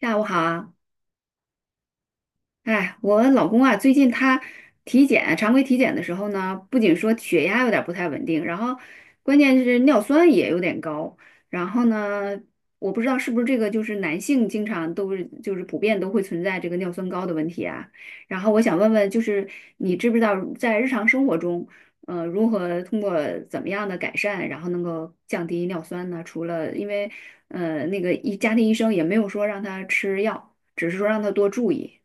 下午好啊，哎，我老公啊，最近他体检，常规体检的时候呢，不仅说血压有点不太稳定，然后关键是尿酸也有点高。然后呢，我不知道是不是这个就是男性经常都是就是普遍都会存在这个尿酸高的问题啊。然后我想问问，就是你知不知道在日常生活中，如何通过怎么样的改善，然后能够降低尿酸呢？除了因为那个家庭医生也没有说让他吃药，只是说让他多注意。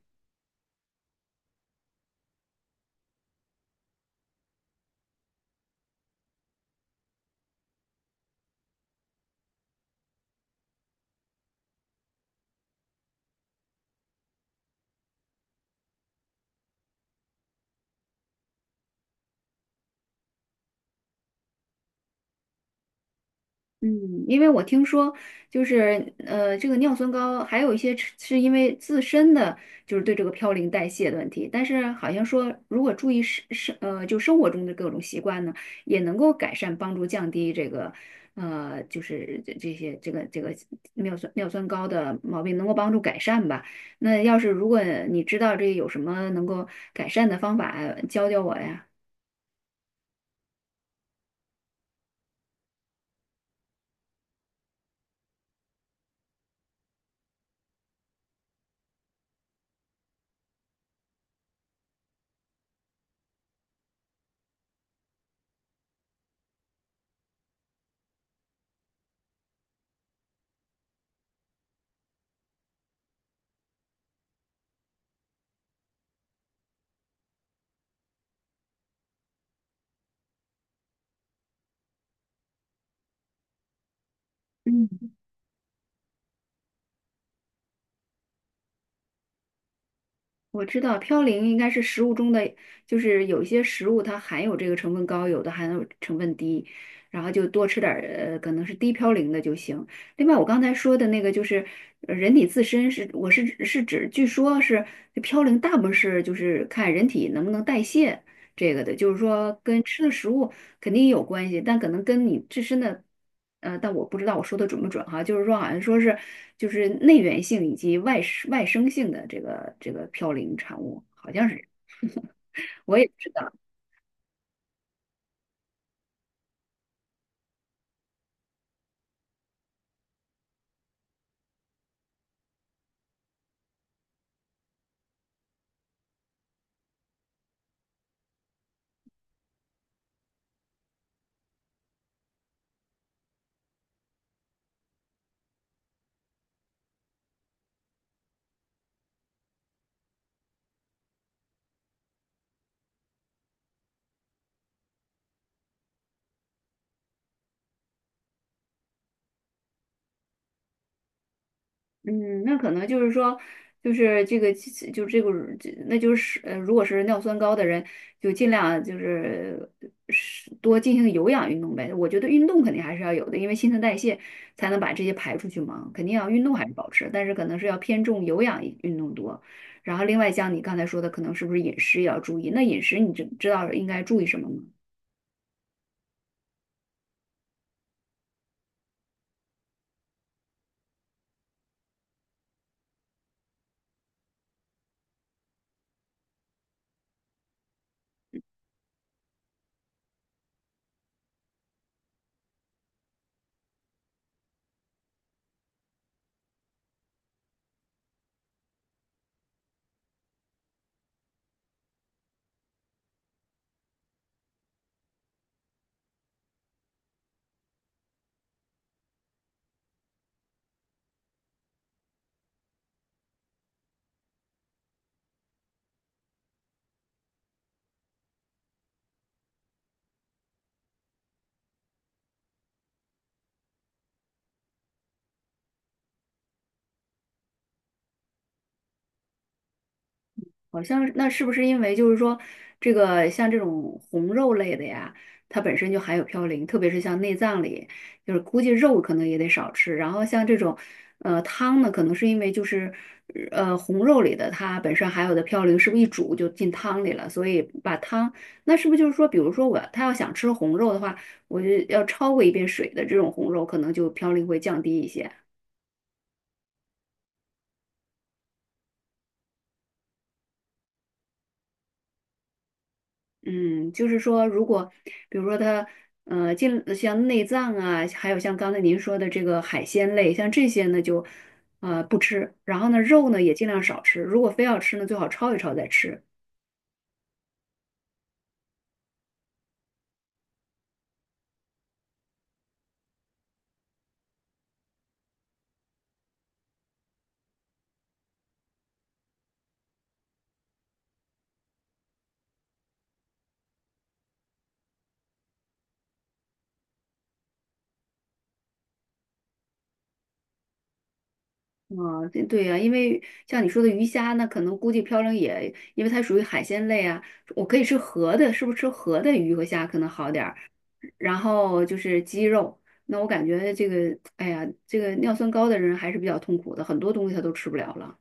嗯，因为我听说，就是这个尿酸高还有一些是因为自身的就是对这个嘌呤代谢的问题，但是好像说如果注意生活中的各种习惯呢，也能够改善帮助降低这个呃就是这这些这个这个尿酸高的毛病能够帮助改善吧。那要是如果你知道这有什么能够改善的方法，教教我呀。嗯。我知道嘌呤应该是食物中的，就是有一些食物它含有这个成分高，有的含有成分低，然后就多吃点儿，可能是低嘌呤的就行。另外，我刚才说的那个就是人体自身是，我是指，据说是嘌呤大部分是就是看人体能不能代谢这个的，就是说跟吃的食物。肯定有关系，但可能跟你自身的，但我不知道我说的准不准哈，就是说好像说是就是内源性以及外生性的这个嘌呤产物，好像是，我也不知道。嗯，那可能就是说，就是这个，就这个，这那就是如果是尿酸高的人，就尽量就是是多进行有氧运动呗。我觉得运动肯定还是要有的，因为新陈代谢才能把这些排出去嘛，肯定要运动还是保持，但是可能是要偏重有氧运动多。然后另外像你刚才说的，可能是不是饮食也要注意？那饮食你知道应该注意什么吗？好像是那是不是因为就是说，这个像这种红肉类的呀，它本身就含有嘌呤，特别是像内脏里，就是估计肉可能也得少吃。然后像这种，汤呢，可能是因为就是，红肉里的它本身含有的嘌呤，是不是一煮就进汤里了？所以把汤，那是不是就是说，比如说我他要想吃红肉的话，我就要焯过一遍水的这种红肉，可能就嘌呤会降低一些。嗯，就是说，如果比如说它，进像内脏啊，还有像刚才您说的这个海鲜类，像这些呢就，不吃。然后呢，肉呢也尽量少吃。如果非要吃呢，最好焯一焯再吃。啊、对对呀、因为像你说的鱼虾呢，可能估计嘌呤也，因为它属于海鲜类啊，我可以吃河的，是不是吃河的鱼和虾可能好点儿？然后就是鸡肉，那我感觉这个，哎呀，这个尿酸高的人还是比较痛苦的，很多东西他都吃不了了。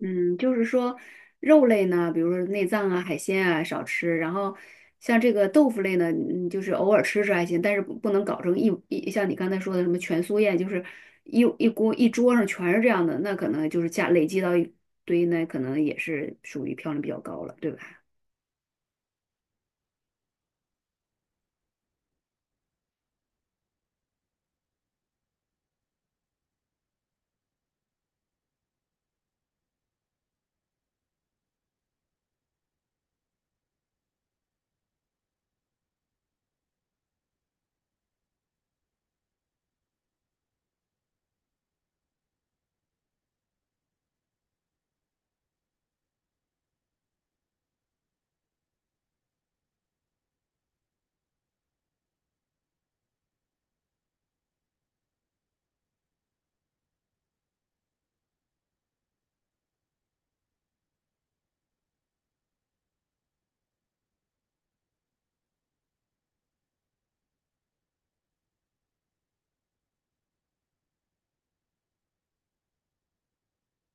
嗯，就是说肉类呢，比如说内脏啊、海鲜啊少吃，然后像这个豆腐类呢，嗯，就是偶尔吃吃还行，但是不能搞成一像你刚才说的什么全素宴，就是一锅一桌上全是这样的，那可能就是加累积到一堆，那可能也是属于嘌呤比较高了，对吧？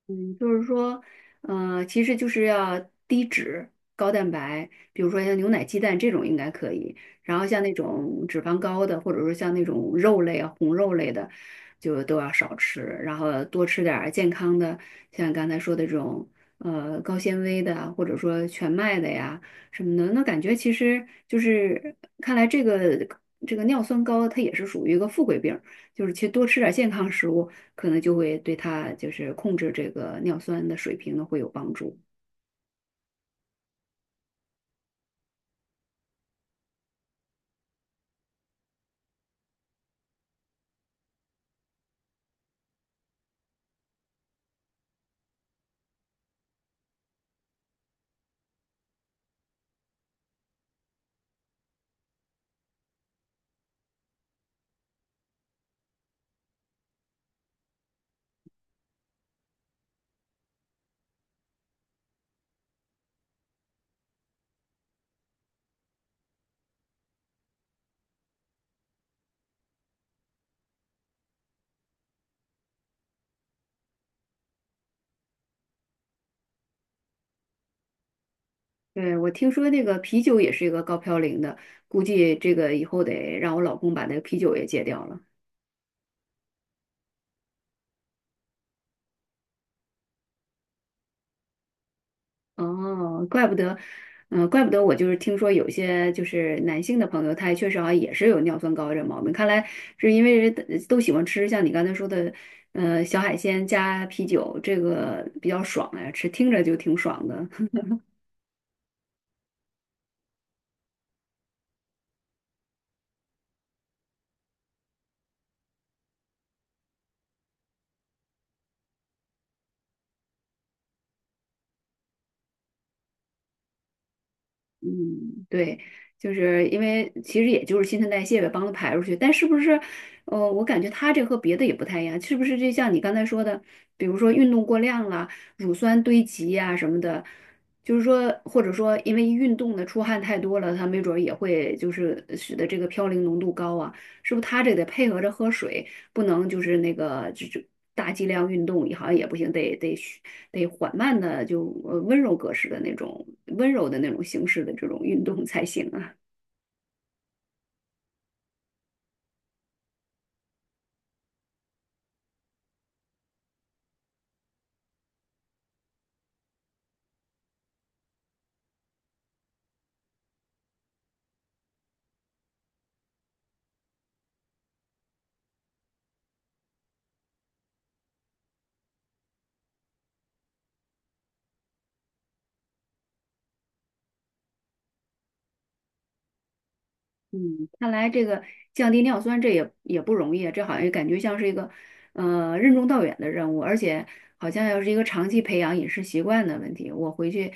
嗯，就是说，其实就是要低脂、高蛋白，比如说像牛奶、鸡蛋这种应该可以。然后像那种脂肪高的，或者说像那种肉类啊、红肉类的，就都要少吃。然后多吃点儿健康的，像刚才说的这种，高纤维的啊或者说全麦的呀什么的。那感觉其实就是，看来这个尿酸高，它也是属于一个富贵病。就是其实多吃点健康食物，可能就会对他就是控制这个尿酸的水平呢会有帮助。对，我听说那个啤酒也是一个高嘌呤的，估计这个以后得让我老公把那个啤酒也戒掉了。哦，怪不得，嗯、怪不得我就是听说有些就是男性的朋友，他也确实好像也是有尿酸高这毛病，看来是因为人都喜欢吃像你刚才说的，小海鲜加啤酒，这个比较爽呀，吃听着就挺爽的。嗯，对，就是因为其实也就是新陈代谢呗，帮它排出去。但是不是，我感觉它这和别的也不太一样，是不是？就像你刚才说的，比如说运动过量了，乳酸堆积呀、什么的，就是说，或者说因为运动的出汗太多了，它没准儿也会就是使得这个嘌呤浓度高啊。是不是他这得配合着喝水，不能就是那个就大剂量运动也好像也不行，得缓慢的就温柔格式的那种温柔的那种形式的这种运动才行啊。嗯，看来这个降低尿酸这也不容易啊，这好像感觉像是一个任重道远的任务，而且好像要是一个长期培养饮食习惯的问题。我回去，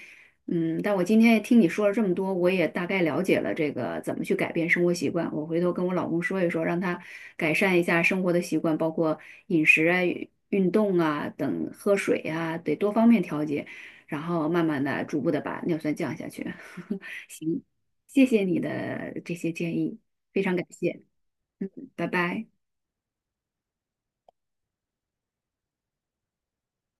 嗯，但我今天也听你说了这么多，我也大概了解了这个怎么去改变生活习惯。我回头跟我老公说一说，让他改善一下生活的习惯，包括饮食啊、运动啊等、喝水啊，得多方面调节，然后慢慢的、逐步的把尿酸降下去。行。谢谢你的这些建议，非常感谢，拜拜。